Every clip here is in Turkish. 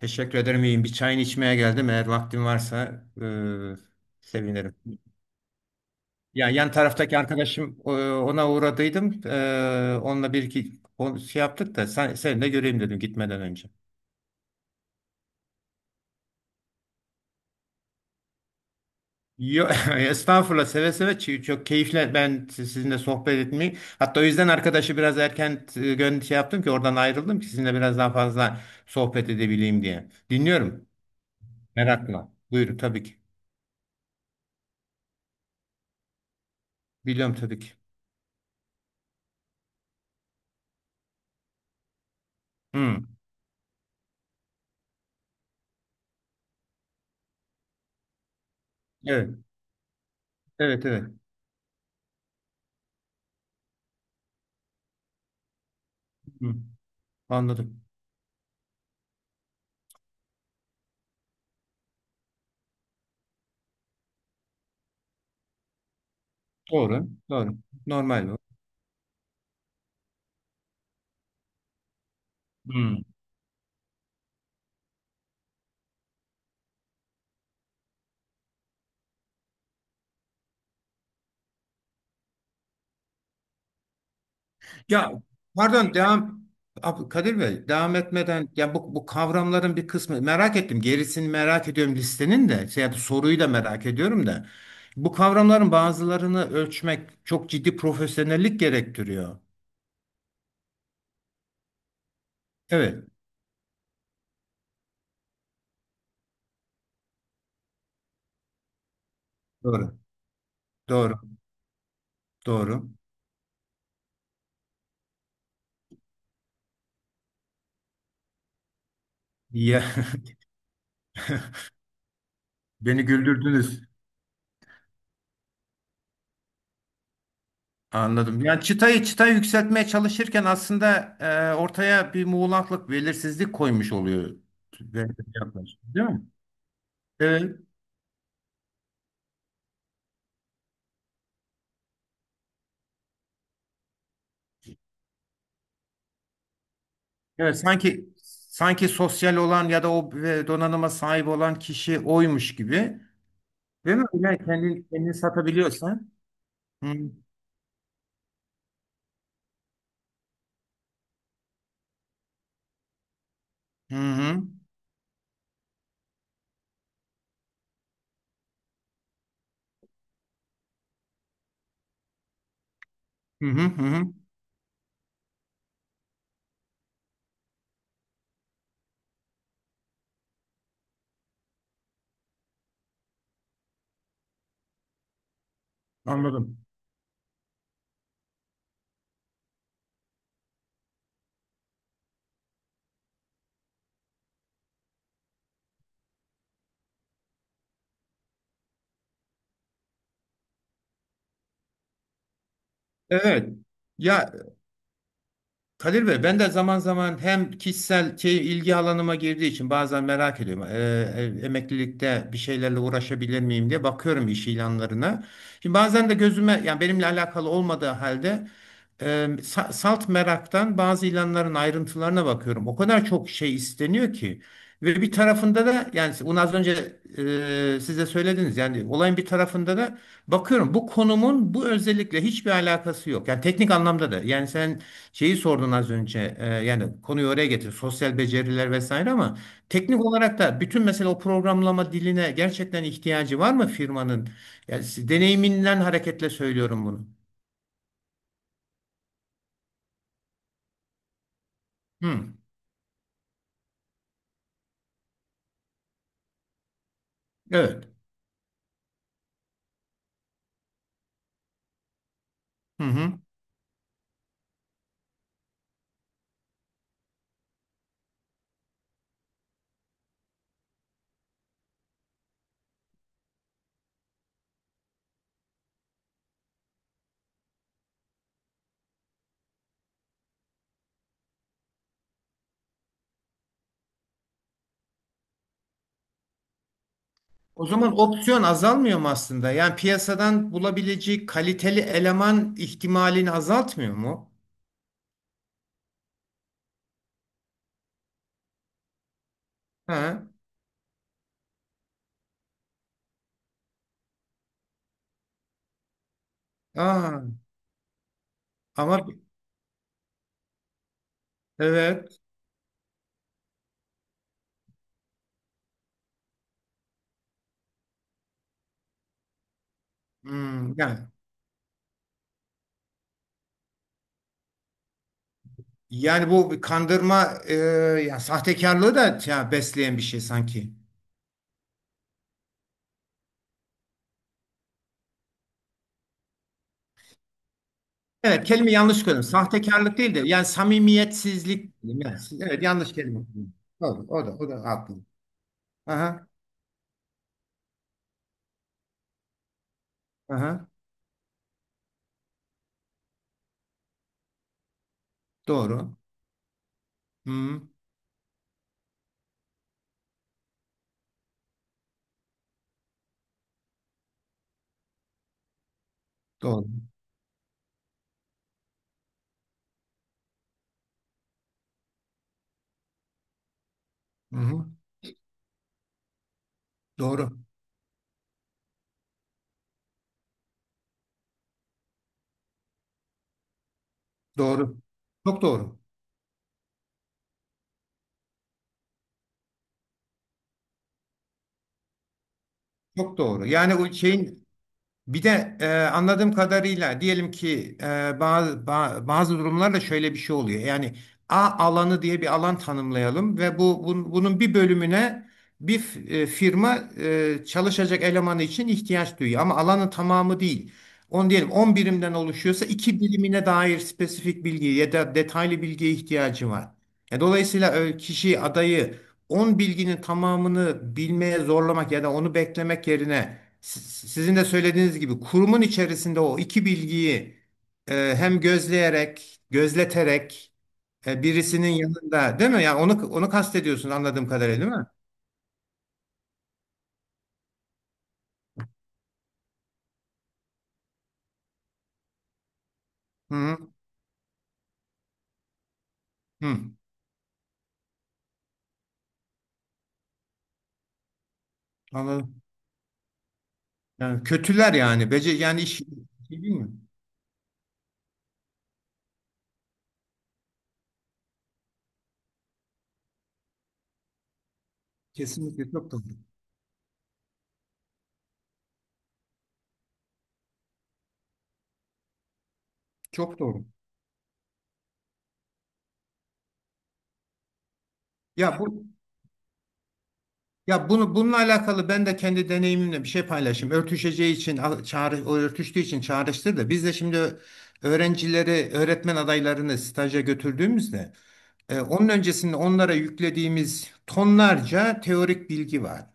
Teşekkür ederim, iyiyim. Bir çayını içmeye geldim. Eğer vaktin varsa sevinirim. Ya, yan taraftaki arkadaşım ona uğradıydım. Onunla bir iki şey yaptık da seni de göreyim dedim gitmeden önce. Yo, estağfurullah, seve seve. Çok keyifle ben sizinle sohbet etmeyi, hatta o yüzden arkadaşı biraz erken şey yaptım ki oradan ayrıldım ki sizinle biraz daha fazla sohbet edebileyim diye. Dinliyorum merakla. Buyurun tabii ki. Biliyorum tabii ki. Hı. Evet. Evet, evet. Hı. Anladım. Doğru. Doğru. Normal bu. Hmm. Ya, pardon, devam. Kadir Bey, devam etmeden ya bu kavramların bir kısmı merak ettim. Gerisini merak ediyorum listenin de, şey, soruyu da merak ediyorum da. Bu kavramların bazılarını ölçmek çok ciddi profesyonellik gerektiriyor. Evet, doğru. Doğru. Doğru. Ya, beni güldürdünüz. Anladım. Yani çıtayı yükseltmeye çalışırken aslında ortaya bir muğlaklık, belirsizlik koymuş oluyor. Böyle bir yaklaşım, değil mi? Evet. Evet, sanki sosyal olan ya da o donanıma sahip olan kişi oymuş gibi. Değil mi? Yani kendini satabiliyorsan. Hı hı. Hı hı hı. Hı. Hı hı. Anladım. Evet. Ya Kadir Bey, ben de zaman zaman hem kişisel şey, ilgi alanıma girdiği için bazen merak ediyorum. Emeklilikte bir şeylerle uğraşabilir miyim diye bakıyorum iş ilanlarına. Şimdi bazen de gözüme, yani benimle alakalı olmadığı halde, e, salt meraktan bazı ilanların ayrıntılarına bakıyorum. O kadar çok şey isteniyor ki ve bir tarafında da, yani bunu az önce size söylediniz. Yani olayın bir tarafında da bakıyorum, bu konumun bu özellikle hiçbir alakası yok. Yani teknik anlamda da. Yani sen şeyi sordun az önce. Yani konuyu oraya getir. Sosyal beceriler vesaire, ama teknik olarak da bütün, mesela o programlama diline gerçekten ihtiyacı var mı firmanın? Yani deneyiminden hareketle söylüyorum bunu. Hı, evet. Hı hı. O zaman opsiyon azalmıyor mu aslında? Yani piyasadan bulabileceği kaliteli eleman ihtimalini azaltmıyor mu? Ha. Aa, ama evet. Hmm, yani bu bir kandırma, ya sahtekarlığı da ya, besleyen bir şey sanki. Evet, kelime yanlış kullandım. Sahtekarlık değil de yani samimiyetsizlik, diyeyim. Yani, evet, yanlış kelime kullandım. Doğru, o da haklı. Aha, aha, doğru. Hmm, doğru. Hı hı, doğru. Doğru. Çok doğru. Çok doğru. Yani o şeyin bir de, anladığım kadarıyla, diyelim ki bazı bazı durumlarda şöyle bir şey oluyor. Yani A alanı diye bir alan tanımlayalım ve bunun bir bölümüne bir firma, çalışacak elemanı için ihtiyaç duyuyor ama alanın tamamı değil. On diyelim, 10 birimden oluşuyorsa iki birimine dair spesifik bilgi ya da detaylı bilgiye ihtiyacı var. Dolayısıyla kişi adayı 10 bilginin tamamını bilmeye zorlamak ya da onu beklemek yerine, sizin de söylediğiniz gibi kurumun içerisinde o iki bilgiyi hem gözleyerek, gözleterek, birisinin yanında, değil mi? Yani onu kastediyorsun anladığım kadarıyla, değil mi? Hı hı. Hı. Anladım. Yani kötüler yani. Yani iş, şey, değil mi? Kesinlikle çok doğru. Çok doğru. Ya bu ya bunu bununla alakalı ben de kendi deneyimimle bir şey paylaşayım. Örtüşeceği için al- çağrı o örtüştüğü için çağrıştır da, biz de şimdi öğrencileri, öğretmen adaylarını staja götürdüğümüzde, onun öncesinde onlara yüklediğimiz tonlarca teorik bilgi var.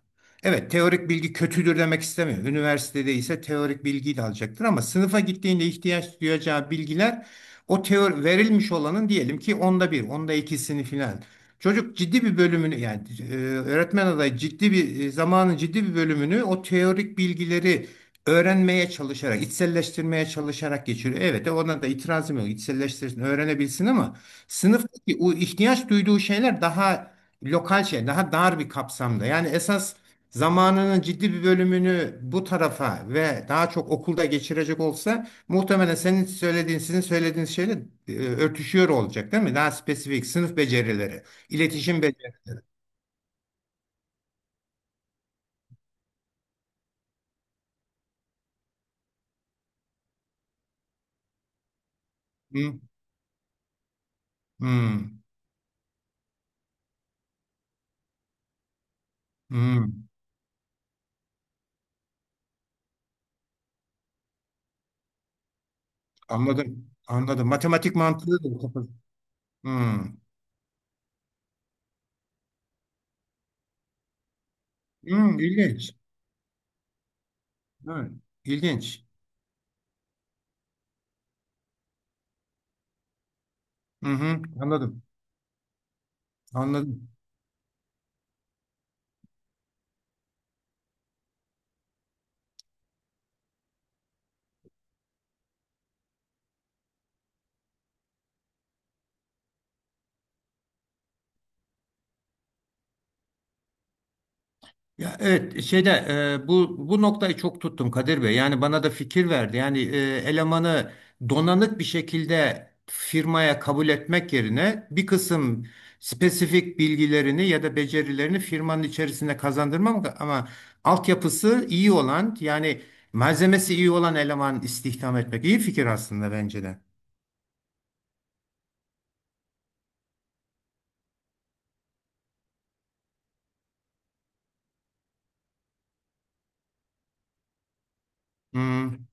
Evet, teorik bilgi kötüdür demek istemiyorum. Üniversitede ise teorik bilgiyi de alacaktır ama sınıfa gittiğinde ihtiyaç duyacağı bilgiler, o teori verilmiş olanın diyelim ki onda bir, onda ikisini filan. Çocuk ciddi bir bölümünü, yani öğretmen adayı ciddi bir, zamanın ciddi bir bölümünü o teorik bilgileri öğrenmeye çalışarak, içselleştirmeye çalışarak geçiriyor. Evet, ona da itirazım yok. İçselleştirsin, öğrenebilsin ama sınıftaki o ihtiyaç duyduğu şeyler daha lokal, şey, daha dar bir kapsamda. Yani esas zamanının ciddi bir bölümünü bu tarafa ve daha çok okulda geçirecek olsa muhtemelen senin söylediğin, sizin söylediğiniz şeyle örtüşüyor olacak, değil mi? Daha spesifik sınıf becerileri, iletişim becerileri. Hmm, hmm, hmm. Anladım, anladım. Matematik mantığı da kapalı. Hmm, hmm, ilginç. Evet, ilginç. Hı hı, anladım, anladım. Ya evet, şeyde, bu noktayı çok tuttum Kadir Bey. Yani bana da fikir verdi. Yani, elemanı donanık bir şekilde firmaya kabul etmek yerine bir kısım spesifik bilgilerini ya da becerilerini firmanın içerisinde kazandırmak ama altyapısı iyi olan, yani malzemesi iyi olan eleman istihdam etmek iyi fikir aslında, bence de. Hmm.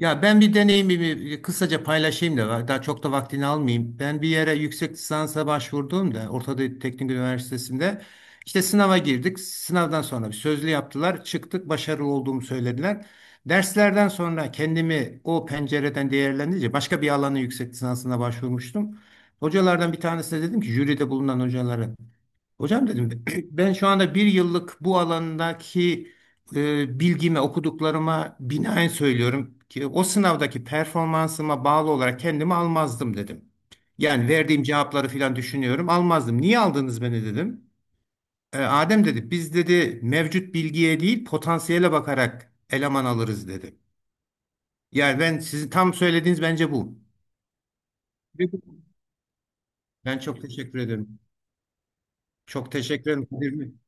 Ya ben bir deneyimimi kısaca paylaşayım da daha çok da vaktini almayayım. Ben bir yere yüksek lisansa başvurduğumda Orta Doğu Teknik Üniversitesi'nde işte sınava girdik. Sınavdan sonra bir sözlü yaptılar. Çıktık, başarılı olduğumu söylediler. Derslerden sonra kendimi o pencereden değerlendirince, başka bir alanın yüksek lisansına başvurmuştum. Hocalardan bir tanesine dedim ki, jüride bulunan hocalara. Hocam dedim, ben şu anda bir yıllık bu alandaki bilgime, okuduklarıma binaen söylüyorum ki o sınavdaki performansıma bağlı olarak kendimi almazdım dedim. Yani verdiğim cevapları falan düşünüyorum, almazdım. Niye aldınız beni dedim. Adem dedi, biz dedi mevcut bilgiye değil potansiyele bakarak eleman alırız dedi. Yani ben sizin tam söylediğiniz bence bu. Ben çok teşekkür ederim. Çok teşekkür ederim.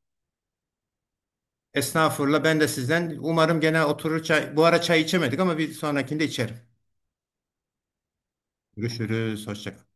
Estağfurullah. Ben de sizden. Umarım gene oturur çay. Bu ara çay içemedik ama bir sonrakinde içerim. Görüşürüz. Hoşça kalın.